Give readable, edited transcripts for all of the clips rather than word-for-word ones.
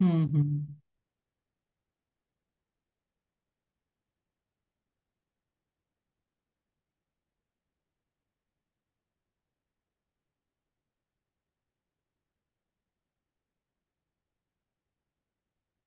Hı hı.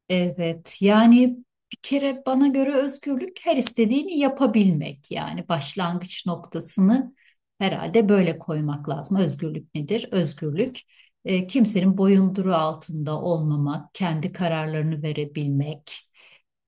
Evet, yani bir kere bana göre özgürlük her istediğini yapabilmek. Yani başlangıç noktasını herhalde böyle koymak lazım. Özgürlük nedir? Özgürlük kimsenin boyunduruğu altında olmamak, kendi kararlarını verebilmek,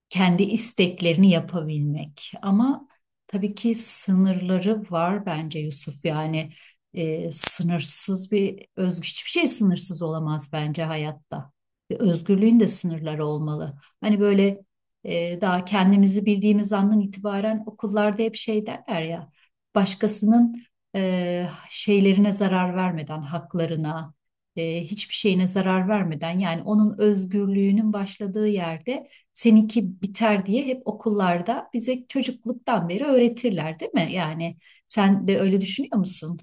kendi isteklerini yapabilmek. Ama tabii ki sınırları var bence Yusuf. Yani sınırsız bir özgürlük, hiçbir şey sınırsız olamaz bence hayatta. Ve özgürlüğün de sınırları olmalı. Hani böyle daha kendimizi bildiğimiz andan itibaren okullarda hep şey derler ya, başkasının şeylerine zarar vermeden, haklarına, hiçbir şeyine zarar vermeden yani onun özgürlüğünün başladığı yerde seninki biter diye hep okullarda bize çocukluktan beri öğretirler, değil mi? Yani sen de öyle düşünüyor musun?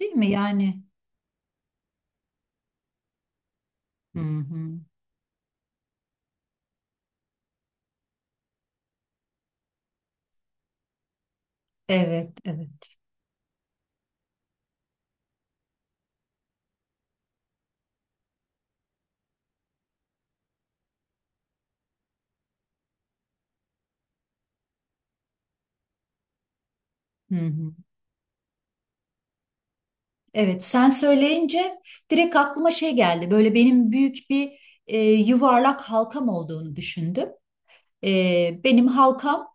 Değil mi? Yani. Hı hı. Evet, evet. Hı hı. Evet, sen söyleyince direkt aklıma şey geldi. Böyle benim büyük bir yuvarlak halkam olduğunu düşündüm. Benim halkam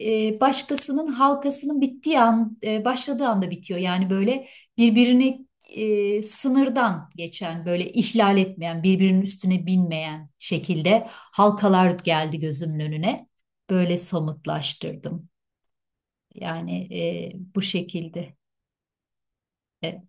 başkasının halkasının bittiği an, başladığı anda bitiyor. Yani böyle birbirini sınırdan geçen, böyle ihlal etmeyen, birbirinin üstüne binmeyen şekilde halkalar geldi gözümün önüne. Böyle somutlaştırdım. Yani bu şekilde. E,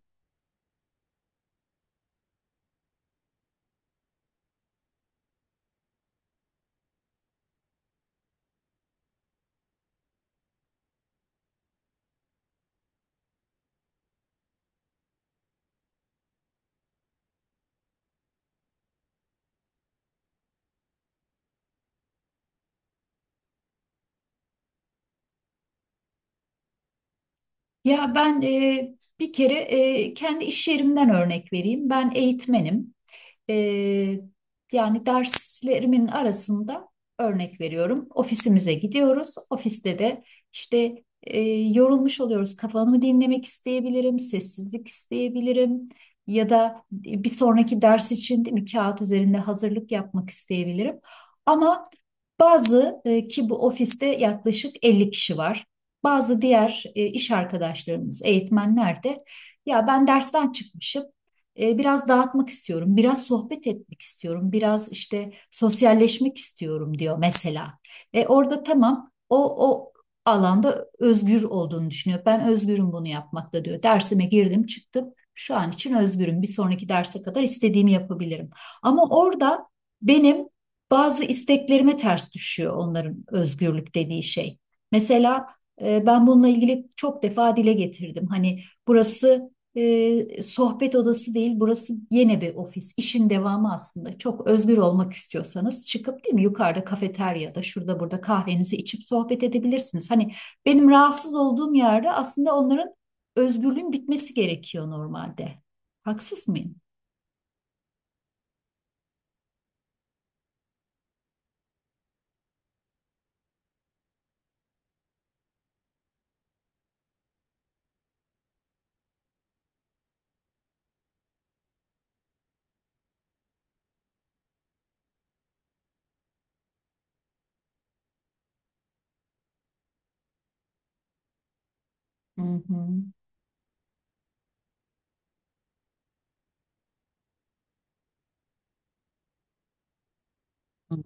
Ya ben bir kere kendi iş yerimden örnek vereyim. Ben eğitmenim. Ee, Yani derslerimin arasında örnek veriyorum. Ofisimize gidiyoruz. Ofiste de işte yorulmuş oluyoruz. Kafamı dinlemek isteyebilirim, sessizlik isteyebilirim. Ya da bir sonraki ders için değil mi, kağıt üzerinde hazırlık yapmak isteyebilirim. Ama bazı ki bu ofiste yaklaşık 50 kişi var. Bazı diğer iş arkadaşlarımız, eğitmenler de ya ben dersten çıkmışım biraz dağıtmak istiyorum, biraz sohbet etmek istiyorum, biraz işte sosyalleşmek istiyorum diyor mesela. Orada tamam o alanda özgür olduğunu düşünüyor. Ben özgürüm bunu yapmakta diyor. Dersime girdim, çıktım. Şu an için özgürüm. Bir sonraki derse kadar istediğimi yapabilirim. Ama orada benim bazı isteklerime ters düşüyor onların özgürlük dediği şey. Mesela ben bununla ilgili çok defa dile getirdim. Hani burası sohbet odası değil, burası yine bir ofis. İşin devamı aslında. Çok özgür olmak istiyorsanız çıkıp değil mi yukarıda kafeteryada şurada burada kahvenizi içip sohbet edebilirsiniz. Hani benim rahatsız olduğum yerde aslında onların özgürlüğün bitmesi gerekiyor normalde. Haksız mıyım? Hı hı. Hı.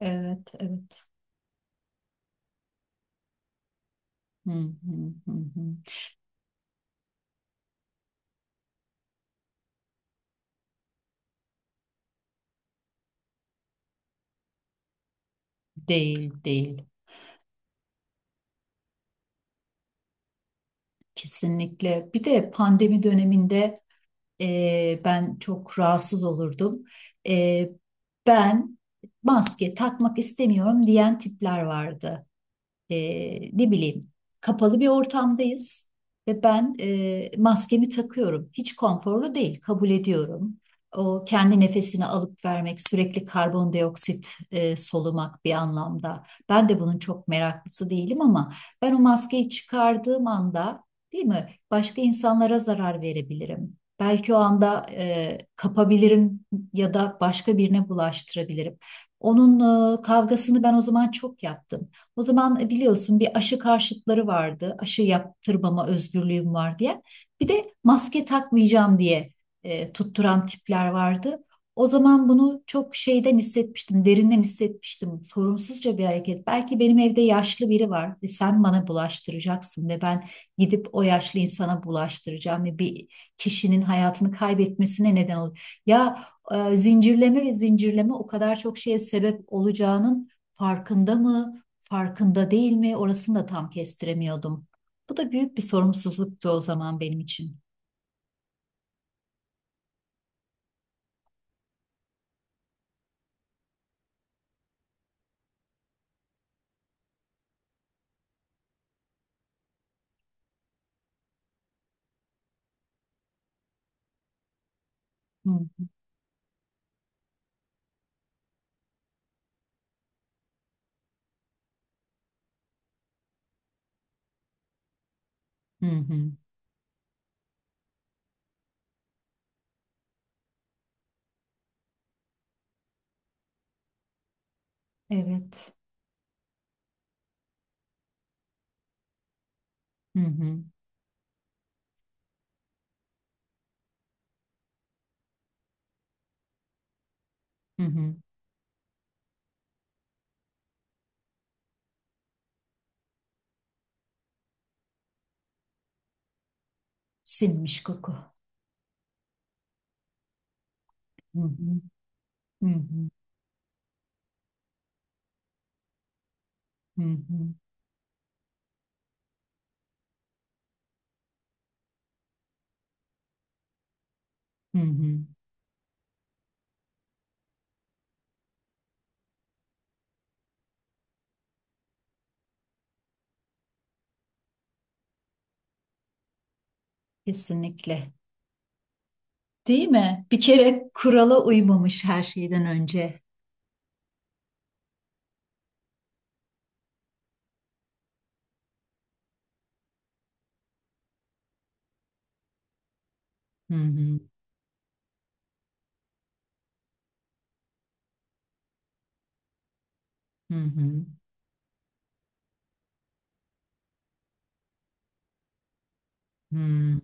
Evet, evet. Hı hı hı hı. Değil, değil. Kesinlikle. Bir de pandemi döneminde, ben çok rahatsız olurdum. Ee, Ben maske takmak istemiyorum diyen tipler vardı, e, ne bileyim, kapalı bir ortamdayız ve ben maskemi takıyorum. Hiç konforlu değil, kabul ediyorum. O kendi nefesini alıp vermek, sürekli karbondioksit solumak bir anlamda. Ben de bunun çok meraklısı değilim ama ben o maskeyi çıkardığım anda, değil mi, başka insanlara zarar verebilirim. Belki o anda kapabilirim ya da başka birine bulaştırabilirim. Onun kavgasını ben o zaman çok yaptım. O zaman biliyorsun bir, aşı karşıtları vardı. Aşı yaptırmama özgürlüğüm var diye. Bir de maske takmayacağım diye tutturan tipler vardı. O zaman bunu çok şeyden hissetmiştim, derinden hissetmiştim. Sorumsuzca bir hareket. Belki benim evde yaşlı biri var ve sen bana bulaştıracaksın ve ben gidip o yaşlı insana bulaştıracağım ve bir kişinin hayatını kaybetmesine neden olur. Ya zincirleme ve zincirleme o kadar çok şeye sebep olacağının farkında mı? Farkında değil mi? Orasını da tam kestiremiyordum. Bu da büyük bir sorumsuzluktu o zaman benim için. Hı hı. Hı hı. Evet. Hı hı. Hı hı. Sinmiş koku. Hı hı. Hı hı. Hı hı. Hı hı. Kesinlikle. Değil mi? Bir kere kurala uymamış her şeyden önce. Hı hı. Hı hı. Hı.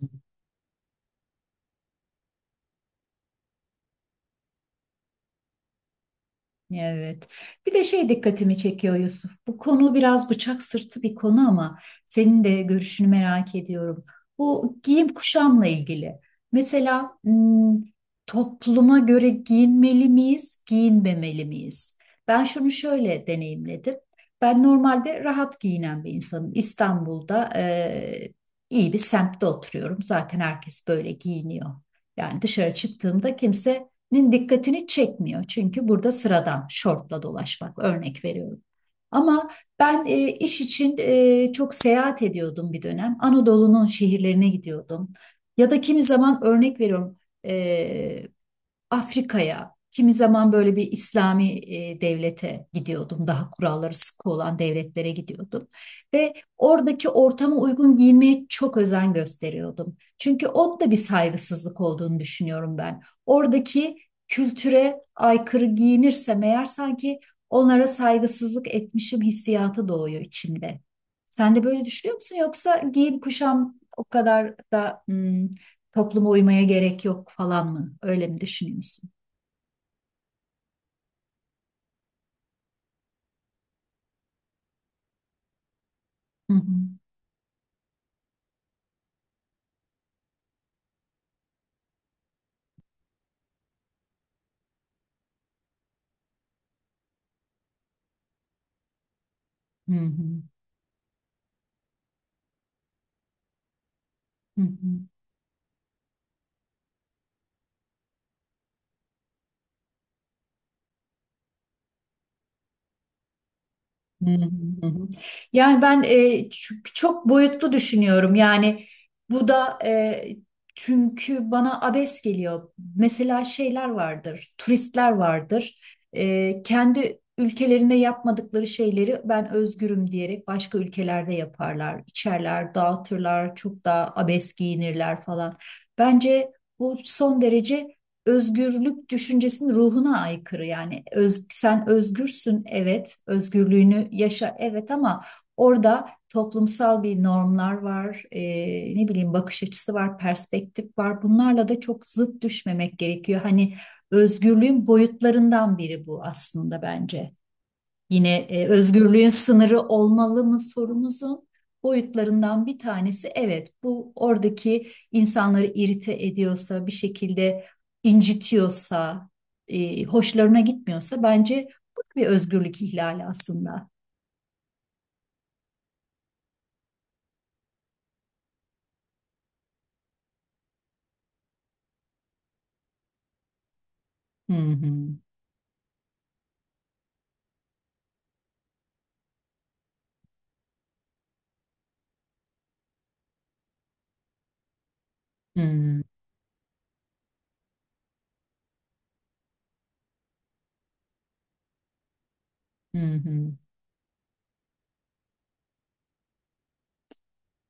Evet. Bir de şey dikkatimi çekiyor Yusuf. Bu konu biraz bıçak sırtı bir konu ama senin de görüşünü merak ediyorum. Bu giyim kuşamla ilgili. Mesela topluma göre giyinmeli miyiz, giyinmemeli miyiz? Ben şunu şöyle deneyimledim. Ben normalde rahat giyinen bir insanım. İstanbul'da iyi bir semtte oturuyorum. Zaten herkes böyle giyiniyor. Yani dışarı çıktığımda kimse nin dikkatini çekmiyor. Çünkü burada sıradan şortla dolaşmak örnek veriyorum. Ama ben iş için çok seyahat ediyordum bir dönem. Anadolu'nun şehirlerine gidiyordum. Ya da kimi zaman örnek veriyorum, e, Afrika'ya, kimi zaman böyle bir İslami devlete gidiyordum. Daha kuralları sıkı olan devletlere gidiyordum. Ve oradaki ortama uygun giyinmeye çok özen gösteriyordum. Çünkü o da bir saygısızlık olduğunu düşünüyorum ben. Oradaki kültüre aykırı giyinirsem eğer sanki onlara saygısızlık etmişim hissiyatı doğuyor içimde. Sen de böyle düşünüyor musun? Yoksa giyim kuşam o kadar da topluma uymaya gerek yok falan mı? Öyle mi düşünüyorsun? Hı hı. Hı hı. Hı hı. Hı hı. Hı hı. Yani ben, çok boyutlu düşünüyorum. Yani bu da çünkü bana abes geliyor. Mesela şeyler vardır, turistler vardır. Kendi ülkelerinde yapmadıkları şeyleri ben özgürüm diyerek başka ülkelerde yaparlar, içerler, dağıtırlar, çok daha abes giyinirler falan. Bence bu son derece özgürlük düşüncesinin ruhuna aykırı. Yani öz, sen özgürsün evet, özgürlüğünü yaşa evet ama orada toplumsal bir normlar var, ne bileyim bakış açısı var, perspektif var. Bunlarla da çok zıt düşmemek gerekiyor. Hani özgürlüğün boyutlarından biri bu aslında bence. Yine özgürlüğün sınırı olmalı mı sorumuzun boyutlarından bir tanesi evet bu, oradaki insanları irite ediyorsa bir şekilde, incitiyorsa, hoşlarına gitmiyorsa bence bu da bir özgürlük ihlali aslında. Hı hı. Hı hı. Hı hı.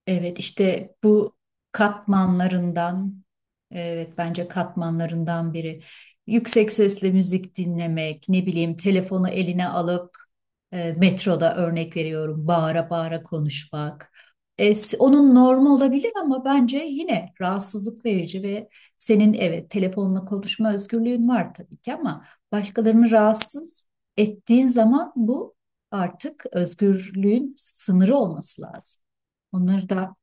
Evet işte bu katmanlarından, evet bence katmanlarından biri. Yüksek sesle müzik dinlemek, ne bileyim telefonu eline alıp metroda örnek veriyorum bağıra bağıra konuşmak. Onun normu olabilir ama bence yine rahatsızlık verici ve senin evet telefonla konuşma özgürlüğün var tabii ki ama başkalarını rahatsız ettiğin zaman bu artık özgürlüğün sınırı olması lazım. Onları da.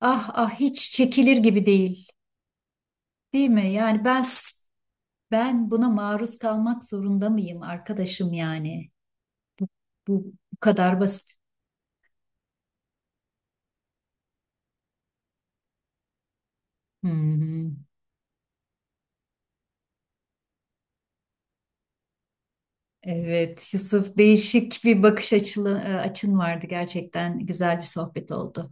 Ah, ah, hiç çekilir gibi değil, değil mi? Yani ben buna maruz kalmak zorunda mıyım arkadaşım yani? Bu kadar basit. Hı hı. Evet, Yusuf, değişik bir bakış açılı, açın vardı gerçekten. Güzel bir sohbet oldu.